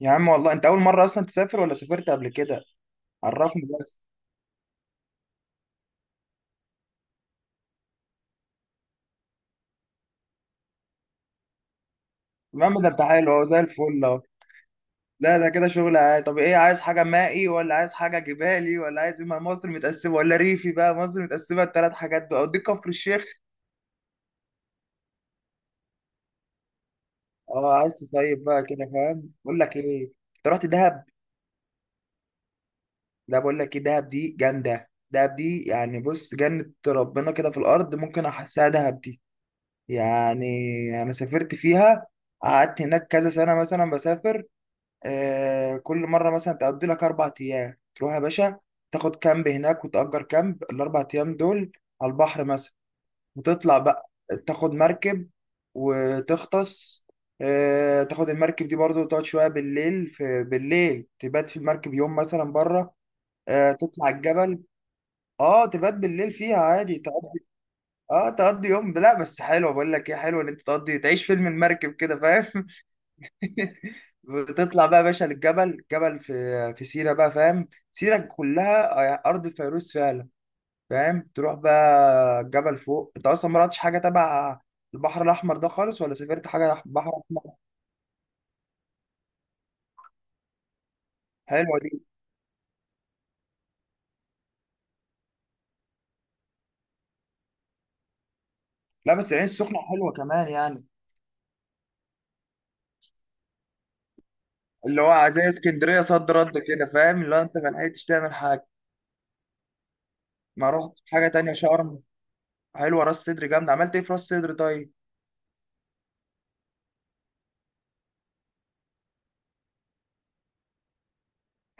يا عم والله انت اول مره اصلا تسافر ولا سافرت قبل كده؟ عرفني بس. المهم ده انت حلو اهو زي الفل اهو. لا ده كده شغل عادي. طب ايه، عايز حاجه مائي ولا عايز حاجه جبالي ولا عايز ايه؟ ما مصر متقسمه، ولا ريفي بقى. مصر متقسمه الثلاث حاجات دول، اوديك كفر الشيخ. اه عايز تصيف بقى، كده فاهم؟ بقول لك ايه، انت رحت دهب؟ لا بقول لك ايه، دهب دي جامده، دهب دي يعني بص جنه ربنا كده في الارض، ممكن احسها دهب دي يعني. انا سافرت فيها، قعدت هناك كذا سنه مثلا بسافر. كل مرة مثلا تقضي لك أربع أيام، تروح يا باشا تاخد كامب هناك، وتأجر كامب الأربع أيام دول على البحر مثلا. وتطلع بقى تاخد مركب وتغطس. تاخد المركب دي برضو وتقعد شوية بالليل، في بالليل تبات في المركب يوم مثلا بره. تطلع الجبل، اه تبات بالليل فيها عادي، تقضي. اه تقضي يوم، لا بس حلو. بقول لك ايه حلو، ان انت تقضي تعيش فيلم المركب كده فاهم. بتطلع بقى يا باشا للجبل، جبل في سيرة بقى فاهم. سيرة كلها أرض الفيروز فعلا، فاهم. تروح بقى الجبل فوق. أنت أصلا ما رحتش حاجة تبع البحر الأحمر ده خالص؟ ولا سافرت حاجة بحر أحمر؟ حلوة دي. لا بس العين السخنة حلوة كمان يعني. اللي هو زي اسكندرية، صد رد كده فاهم، اللي هو أنت ما لحقتش تعمل حاجة. ما رحتش حاجة تانية، شرم؟ حلوة راس صدر جامدة، عملت إيه في راس صدر طيب؟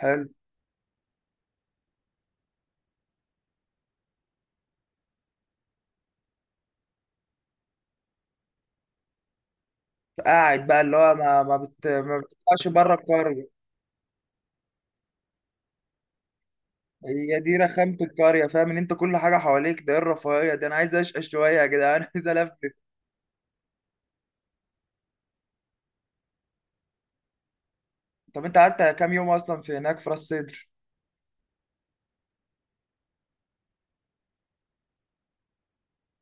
حلو. قاعد بقى اللي هو ما بتطلعش بره القرية. هي دي رخامة القرية فاهم، ان انت كل حاجة حواليك ده. ايه الرفاهية ده، انا عايز اشقى شوية يا جدعان عايز الفلف. طب انت قعدت كام يوم اصلا في هناك في راس سدر؟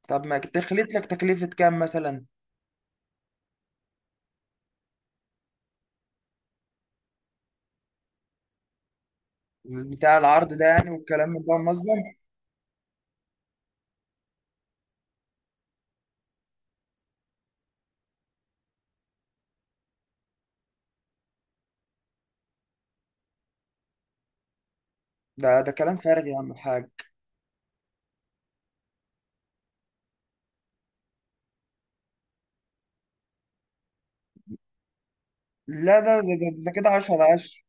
طب ما تخليت لك تكلفة كام مثلا؟ بتاع العرض ده يعني، والكلام من ده منظم. ده ده كلام فارغ يا عم الحاج. لا ده كده 10 على 10.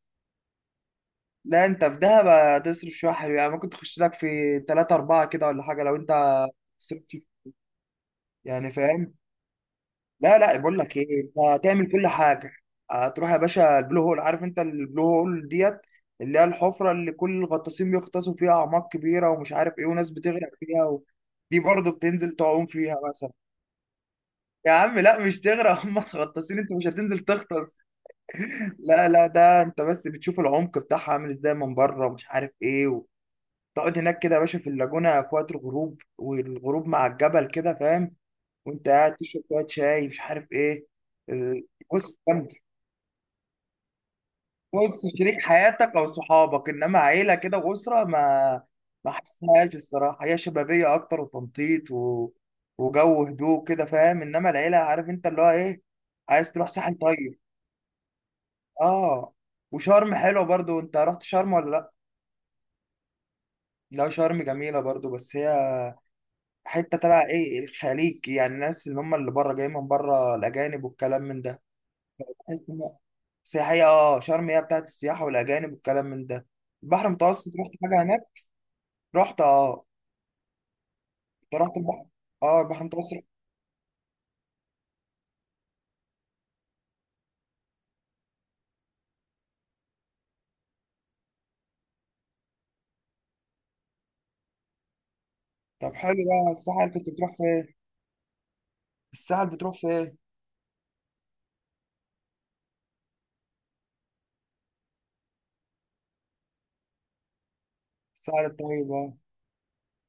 لا انت في دهب هتصرف شوية حلوة يعني، ممكن تخش لك في 3 4 كده ولا حاجة لو انت صرفت، يعني فاهم. لا بقول لك ايه، انت هتعمل كل حاجه. هتروح يا باشا البلو هول، عارف انت البلو هول ديت، اللي هي الحفره اللي كل الغطاسين بيغطسوا فيها، اعماق كبيره ومش عارف ايه، وناس بتغرق فيها و... دي برضه بتنزل تعوم فيها مثلا. يا عم لا مش تغرق، هم غطاسين، انت مش هتنزل تغطس. لا ده انت بس بتشوف العمق بتاعها عامل ازاي من بره، ومش عارف ايه. وتقعد هناك كده يا باشا في اللاجونه في وقت الغروب، والغروب مع الجبل كده فاهم. وانت قاعد تشرب شويه شاي، مش عارف ايه. ال- بص جامدة. بص شريك حياتك او صحابك، انما عيله كده واسره، ما ما حسيتهاش الصراحه. هي شبابيه اكتر وتنطيط و... وجو هدوء كده فاهم. انما العيله عارف انت اللي هو ايه، عايز تروح ساحل طيب. اه وشرم حلوه برضو، انت رحت شرم ولا لا؟ لا شرم جميله برضو، بس هي حته تبع ايه، الخليج يعني، الناس اللي هم اللي بره جايين من بره الاجانب والكلام من ده. تحس إن- سياحيه اه، شرم هي بتاعت السياحه والاجانب والكلام من ده. البحر المتوسط رحت حاجه هناك، رحت اه. انت رحت البحر، اه البحر المتوسط. طب حلو بقى، الساحل كنت بتروح فين؟ الساحل بتروح فين؟ الساحل الطيب اه.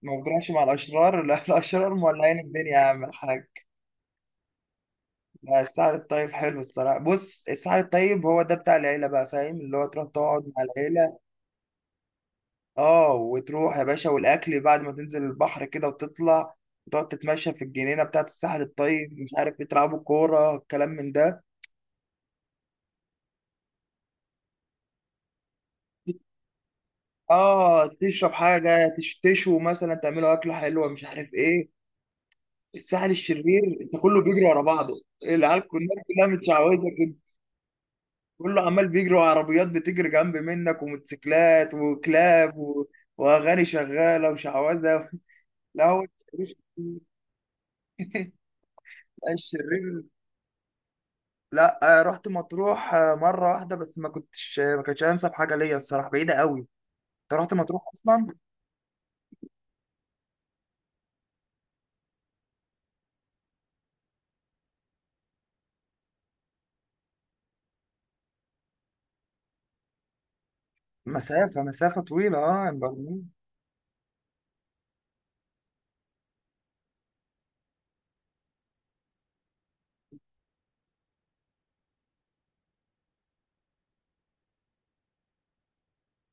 ما بتروحش مع الاشرار؟ لا الاشرار مولعين الدنيا يا عم الحاج. لا الساحل الطيب حلو الصراحه. بص الساحل الطيب هو ده بتاع العيله بقى فاهم، اللي هو تروح تقعد مع العيله. اه وتروح يا باشا والاكل بعد ما تنزل البحر كده وتطلع، وتقعد تتمشى في الجنينه بتاعت الساحل الطيب، مش عارف بتلعبوا كوره، الكلام من ده. اه تشرب حاجه، تشوي مثلا، تعملوا اكله حلوه مش عارف ايه. الساحل الشرير انت كله بيجري ورا بعضه، العيال كلها كلها متشعوذه كده، كله عمال بيجري، وعربيات بتجري جنب منك، وموتوسيكلات وكلاب و... واغاني شغاله وشعوذه. لا هو الشرير، الشرير. لا رحت مطروح مره واحده بس، ما كانتش انسب حاجه ليا الصراحه، بعيده قوي. انت رحت مطروح اصلا؟ مسافه طويله اه عن برلين.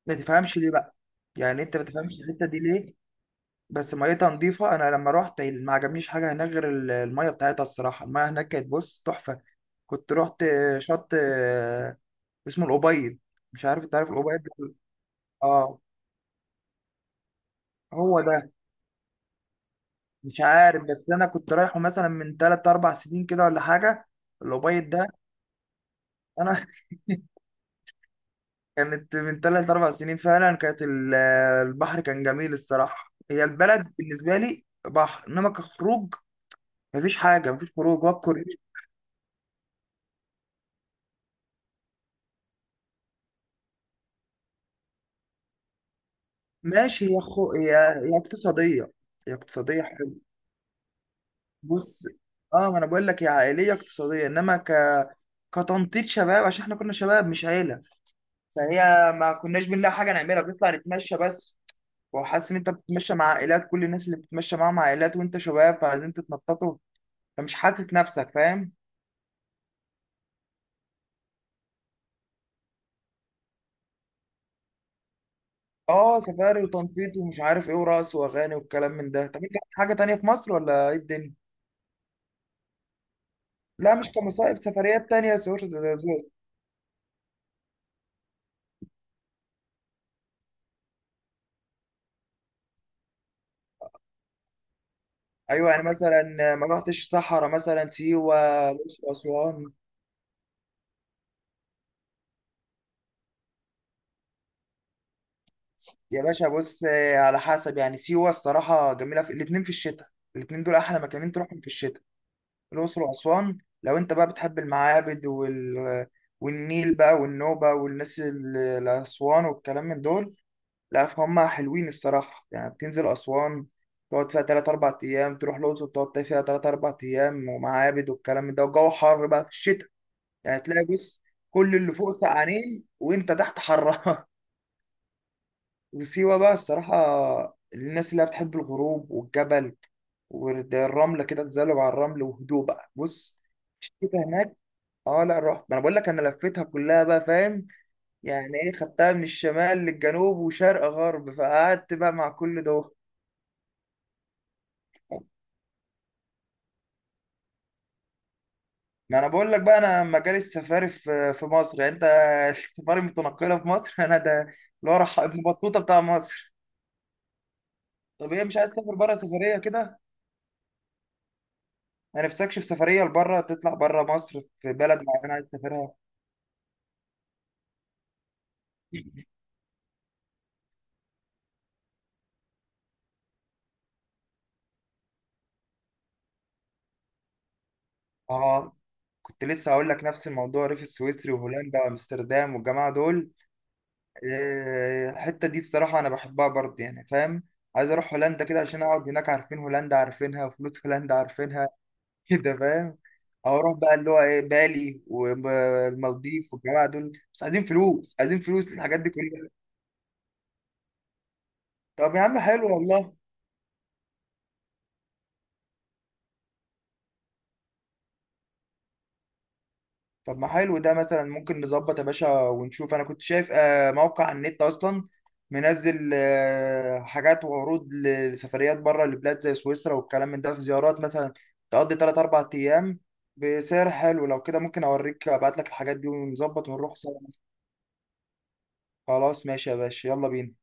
ما تفهمش ليه بقى؟ يعني انت ما تفهمش الحته دي ليه؟ بس ميتها نظيفة، أنا لما روحت ما عجبنيش حاجة هناك غير المية بتاعتها الصراحة. المية هناك كانت بص تحفة. كنت روحت شط اسمه الأبيض، مش عارف أنت عارف الأبيض ده؟ آه هو ده. مش عارف بس أنا كنت رايحه مثلا من تلات أربع سنين كده ولا حاجة. الأبيض ده أنا كانت من تلات أربع سنين فعلا. البحر كان جميل الصراحة. هي البلد بالنسبة لي بحر، إنما كخروج مفيش حاجة، مفيش خروج هو. ماشي هي خو... هي اقتصادية. هي اقتصادية حلو. بص اه، ما انا بقول لك هي عائلية اقتصادية، انما ك... كتنطيط شباب، عشان احنا كنا شباب مش عيلة. فهي ما كناش بنلاقي حاجة نعملها، بنطلع نتمشى بس. وحاسس ان انت بتتمشى مع عائلات، كل الناس اللي بتتمشى معاهم عائلات، وانت شباب، فعايزين تتنططوا. فمش حاسس نفسك فاهم. اه سفاري وتنطيط ومش عارف ايه، ورقص واغاني والكلام من ده. طب انت عندك حاجة تانية في مصر ولا ايه الدنيا؟ لا مش كمصائب، سفريات تانية يا زهور. ايوه يعني مثلا، ما رحتش صحراء مثلا، سيوه، الاقصر، اسوان. يا باشا بص على حسب يعني. سيوه الصراحه جميله في الاثنين في الشتاء. الاثنين دول احلى مكانين تروحهم في الشتاء. الاقصر واسوان لو انت بقى بتحب المعابد وال... والنيل بقى والنوبه والناس الاسوان والكلام من دول، لا فهم حلوين الصراحه. يعني بتنزل اسوان تقعد فيها 3 4 ايام، تروح الاقصر تقعد فيها 3 4 ايام، ومعابد والكلام من ده، والجو حر بقى في الشتاء. يعني تلاقي بص، كل اللي فوق سقعانين وانت تحت حران. وسيوة بقى الصراحة، الناس اللي هي بتحب الغروب والجبل والرملة كده، تزلج على الرمل، وهدوء بقى بص، الشتا هناك. اه لا رحت، ما انا بقول لك انا لفيتها كلها بقى فاهم. يعني ايه، خدتها من الشمال للجنوب وشرق غرب، فقعدت بقى مع كل دول. ما انا بقول لك بقى، انا مجال السفاري في مصر يعني انت السفاري متنقله في مصر. انا ده اللي هو راح ابن بطوطه بتاع مصر. طب هي مش عايز تسافر بره سفرية كده؟ ما نفسكش في سفرية لبره، تطلع بره مصر في بلد معينة عايز تسافرها؟ اه كنت لسه هقول لك نفس الموضوع، الريف السويسري وهولندا وامستردام والجماعة دول. إيه، الحتة دي الصراحة انا بحبها برضه يعني فاهم. عايز اروح هولندا كده عشان اقعد هناك، عارفين هولندا عارفينها، وفلوس هولندا عارفينها. كده فاهم. او اروح بقى اللي هو ايه، بالي والمالديف والجماعة دول، بس عايزين فلوس، عايزين فلوس للحاجات دي كلها. طب يا عم حلو والله. طب ما حلو ده مثلا ممكن نظبط يا باشا ونشوف. انا كنت شايف موقع على النت اصلا، منزل حاجات وعروض لسفريات بره لبلاد زي سويسرا والكلام من ده، في زيارات مثلا تقضي 3 4 ايام بسعر حلو. لو كده ممكن اوريك، ابعت لك الحاجات دي ونظبط ونروح سوا. خلاص ماشي يا باشا، يلا بينا.